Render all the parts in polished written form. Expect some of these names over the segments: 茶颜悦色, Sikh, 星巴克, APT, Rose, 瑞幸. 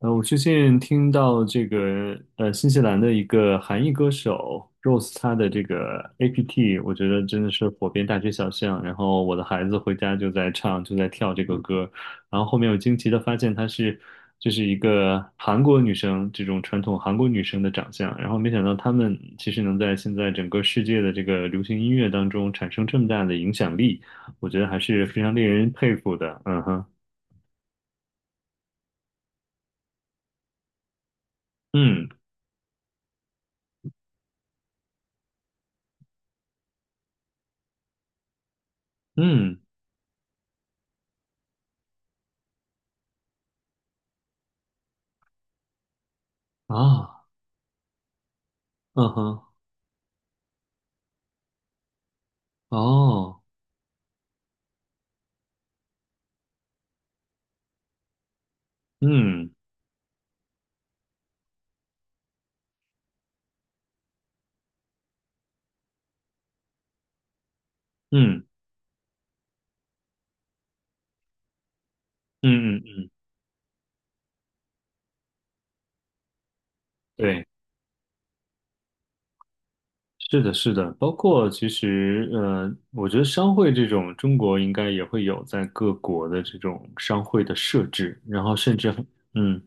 我最近听到这个新西兰的一个韩裔歌手 Rose，她的这个 APT，我觉得真的是火遍大街小巷。然后我的孩子回家就在唱，就在跳这个歌。然后后面我惊奇的发现她就是一个韩国女生，这种传统韩国女生的长相。然后没想到她们其实能在现在整个世界的这个流行音乐当中产生这么大的影响力，我觉得还是非常令人佩服的。嗯哼，嗯嗯啊，嗯哼。哦，嗯嗯嗯嗯嗯，对，是的，是的，包括其实，我觉得商会这种，中国应该也会有在各国的这种商会的设置，然后甚至嗯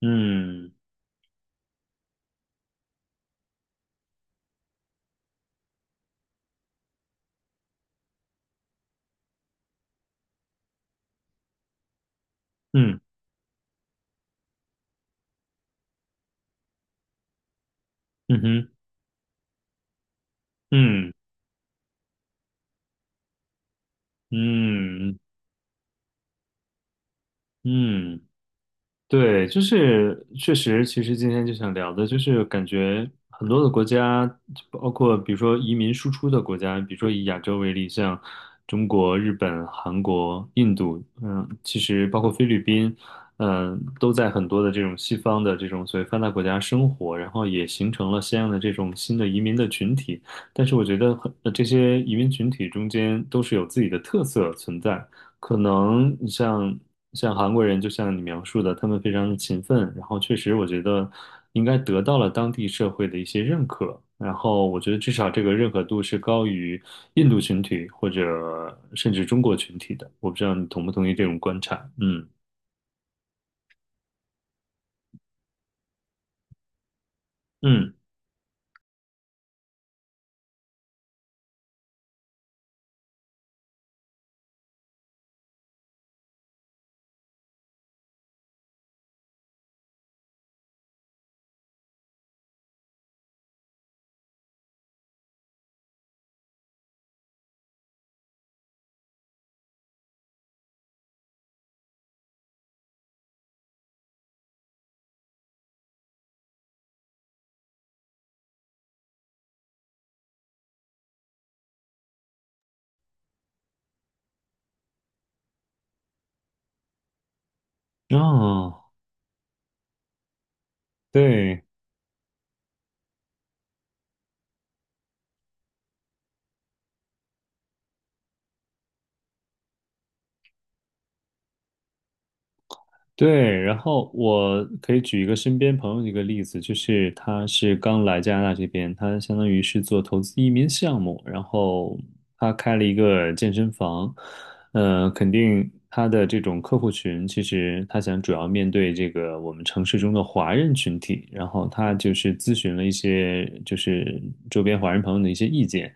嗯嗯嗯哼，嗯嗯嗯。对，就是确实，其实今天就想聊的，就是感觉很多的国家，包括比如说移民输出的国家，比如说以亚洲为例，像中国、日本、韩国、印度，嗯，其实包括菲律宾，嗯，都在很多的这种西方的这种所谓发达国家生活，然后也形成了相应的这种新的移民的群体。但是我觉得很，这些移民群体中间都是有自己的特色存在，可能你像韩国人，就像你描述的，他们非常的勤奋，然后确实我觉得应该得到了当地社会的一些认可，然后我觉得至少这个认可度是高于印度群体或者甚至中国群体的，我不知道你同不同意这种观察，嗯嗯，哦，对，对，然后我可以举一个身边朋友的一个例子，就是他是刚来加拿大这边，他相当于是做投资移民项目，然后他开了一个健身房，肯定他的这种客户群，其实他想主要面对这个我们城市中的华人群体，然后他就是咨询了一些就是周边华人朋友的一些意见。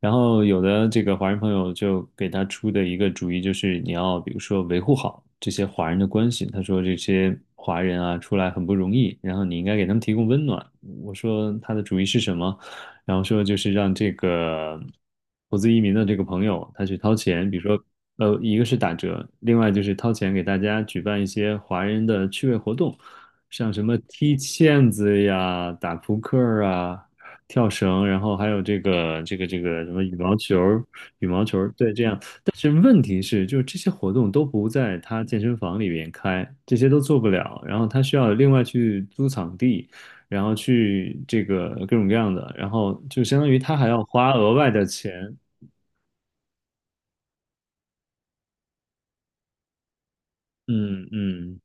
然后有的这个华人朋友就给他出的一个主意就是你要比如说维护好这些华人的关系。他说这些华人啊出来很不容易，然后你应该给他们提供温暖。我说他的主意是什么？然后说就是让这个投资移民的这个朋友他去掏钱，比如说一个是打折，另外就是掏钱给大家举办一些华人的趣味活动，像什么踢毽子呀、打扑克啊。跳绳，然后还有这个什么羽毛球儿，羽毛球儿，对，这样。但是问题是，就是这些活动都不在他健身房里边开，这些都做不了。然后他需要另外去租场地，然后去这个各种各样的，然后就相当于他还要花额外的钱。嗯嗯，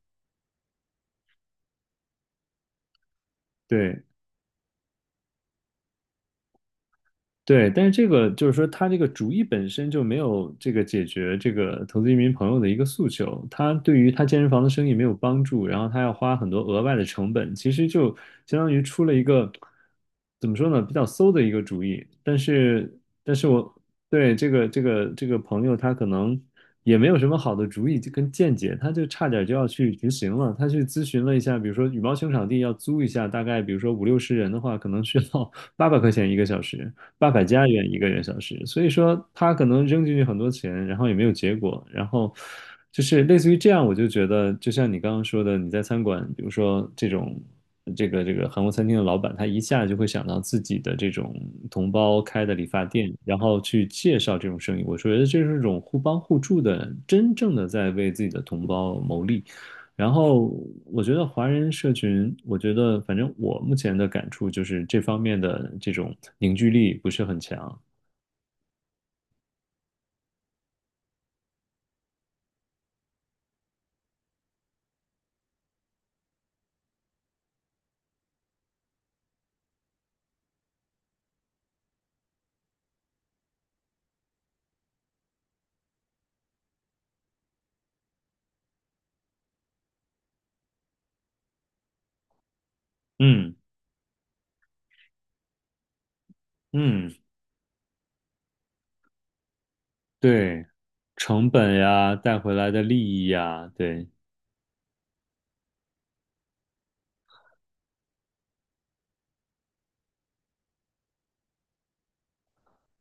对。对，但是这个就是说，他这个主意本身就没有这个解决这个投资移民朋友的一个诉求，他对于他健身房的生意没有帮助，然后他要花很多额外的成本，其实就相当于出了一个怎么说呢，比较馊的一个主意。但是，但是我对这个朋友，他可能也没有什么好的主意跟见解，他就差点就要去执行了。他去咨询了一下，比如说羽毛球场地要租一下，大概比如说50-60人的话，可能需要 八百块钱一个小时。八百加元一个月小时，所以说他可能扔进去很多钱，然后也没有结果，然后就是类似于这样，我就觉得就像你刚刚说的，你在餐馆，比如说这种这个韩国餐厅的老板，他一下就会想到自己的这种同胞开的理发店，然后去介绍这种生意，我觉得这是一种互帮互助的，真正的在为自己的同胞谋利。然后我觉得华人社群，我觉得反正我目前的感触就是这方面的这种凝聚力不是很强。嗯嗯，对，成本呀，带回来的利益呀，对，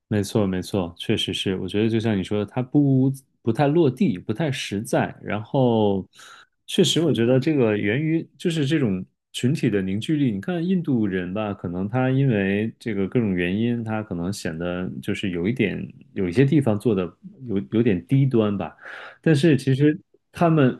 没错，没错，确实是。我觉得就像你说的，它不太落地，不太实在。然后，确实，我觉得这个源于就是这种群体的凝聚力。你看印度人吧，可能他因为这个各种原因，他可能显得就是有一点，有一些地方做的有点低端吧。但是其实他们，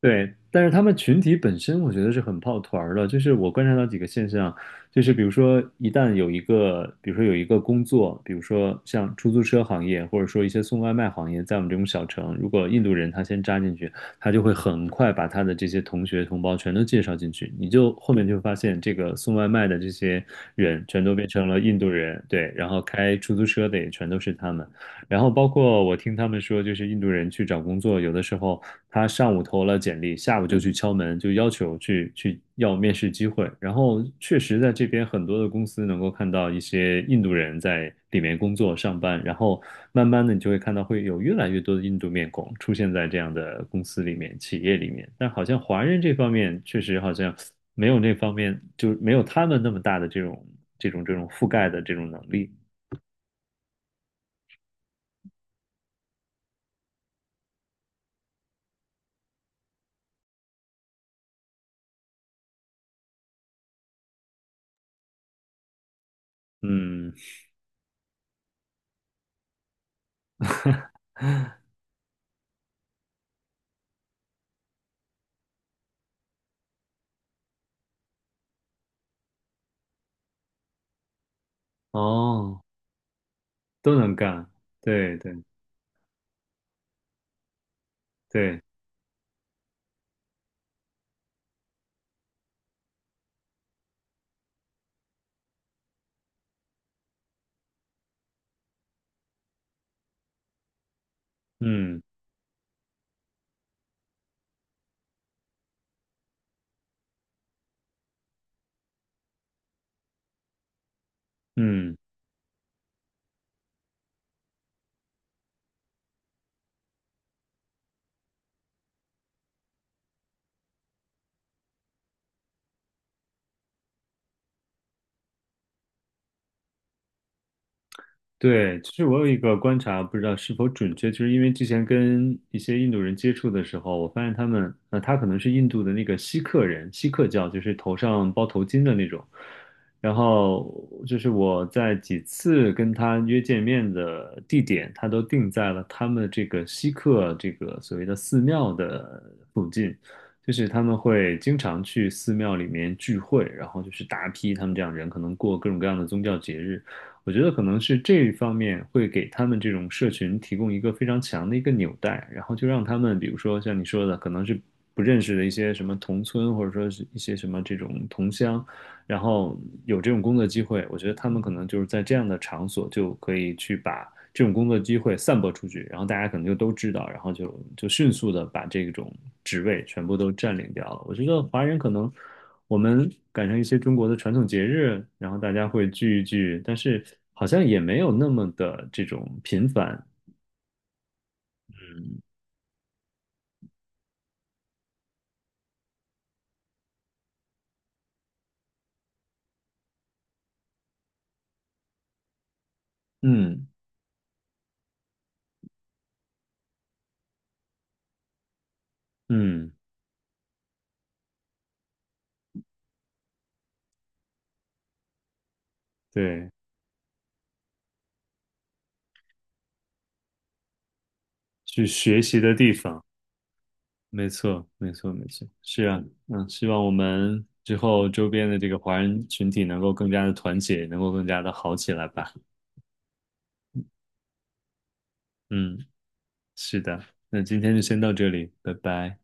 对，但是他们群体本身，我觉得是很抱团儿的。就是我观察到几个现象，就是比如说，一旦有一个，比如说有一个工作，比如说像出租车行业，或者说一些送外卖行业，在我们这种小城，如果印度人他先扎进去，他就会很快把他的这些同学同胞全都介绍进去，你就后面就会发现，这个送外卖的这些人全都变成了印度人，对，然后开出租车的也全都是他们。然后包括我听他们说，就是印度人去找工作，有的时候他上午投了简历，下午就去敲门，就要求去要面试机会。然后确实在这边很多的公司能够看到一些印度人在里面工作上班，然后慢慢的你就会看到会有越来越多的印度面孔出现在这样的公司里面、企业里面。但好像华人这方面确实好像没有那方面，就是没有他们那么大的这种这种覆盖的这种能力。嗯，哦，都能干，对对对，嗯嗯。对，其实我有一个观察，不知道是否准确，就是因为之前跟一些印度人接触的时候，我发现他们，他可能是印度的那个锡克人，锡克教就是头上包头巾的那种。然后就是我在几次跟他约见面的地点，他都定在了他们这个锡克这个所谓的寺庙的附近，就是他们会经常去寺庙里面聚会，然后就是大批他们这样人可能过各种各样的宗教节日。我觉得可能是这一方面会给他们这种社群提供一个非常强的一个纽带，然后就让他们，比如说像你说的，可能是不认识的一些什么同村，或者说是一些什么这种同乡，然后有这种工作机会，我觉得他们可能就是在这样的场所就可以去把这种工作机会散播出去，然后大家可能就都知道，然后就迅速的把这种职位全部都占领掉了。我觉得华人可能我们赶上一些中国的传统节日，然后大家会聚一聚，但是好像也没有那么的这种频繁。嗯嗯，嗯，对，去学习的地方，没错，没错，没错，是啊，嗯，希望我们之后周边的这个华人群体能够更加的团结，能够更加的好起来吧。嗯，是的，那今天就先到这里，拜拜。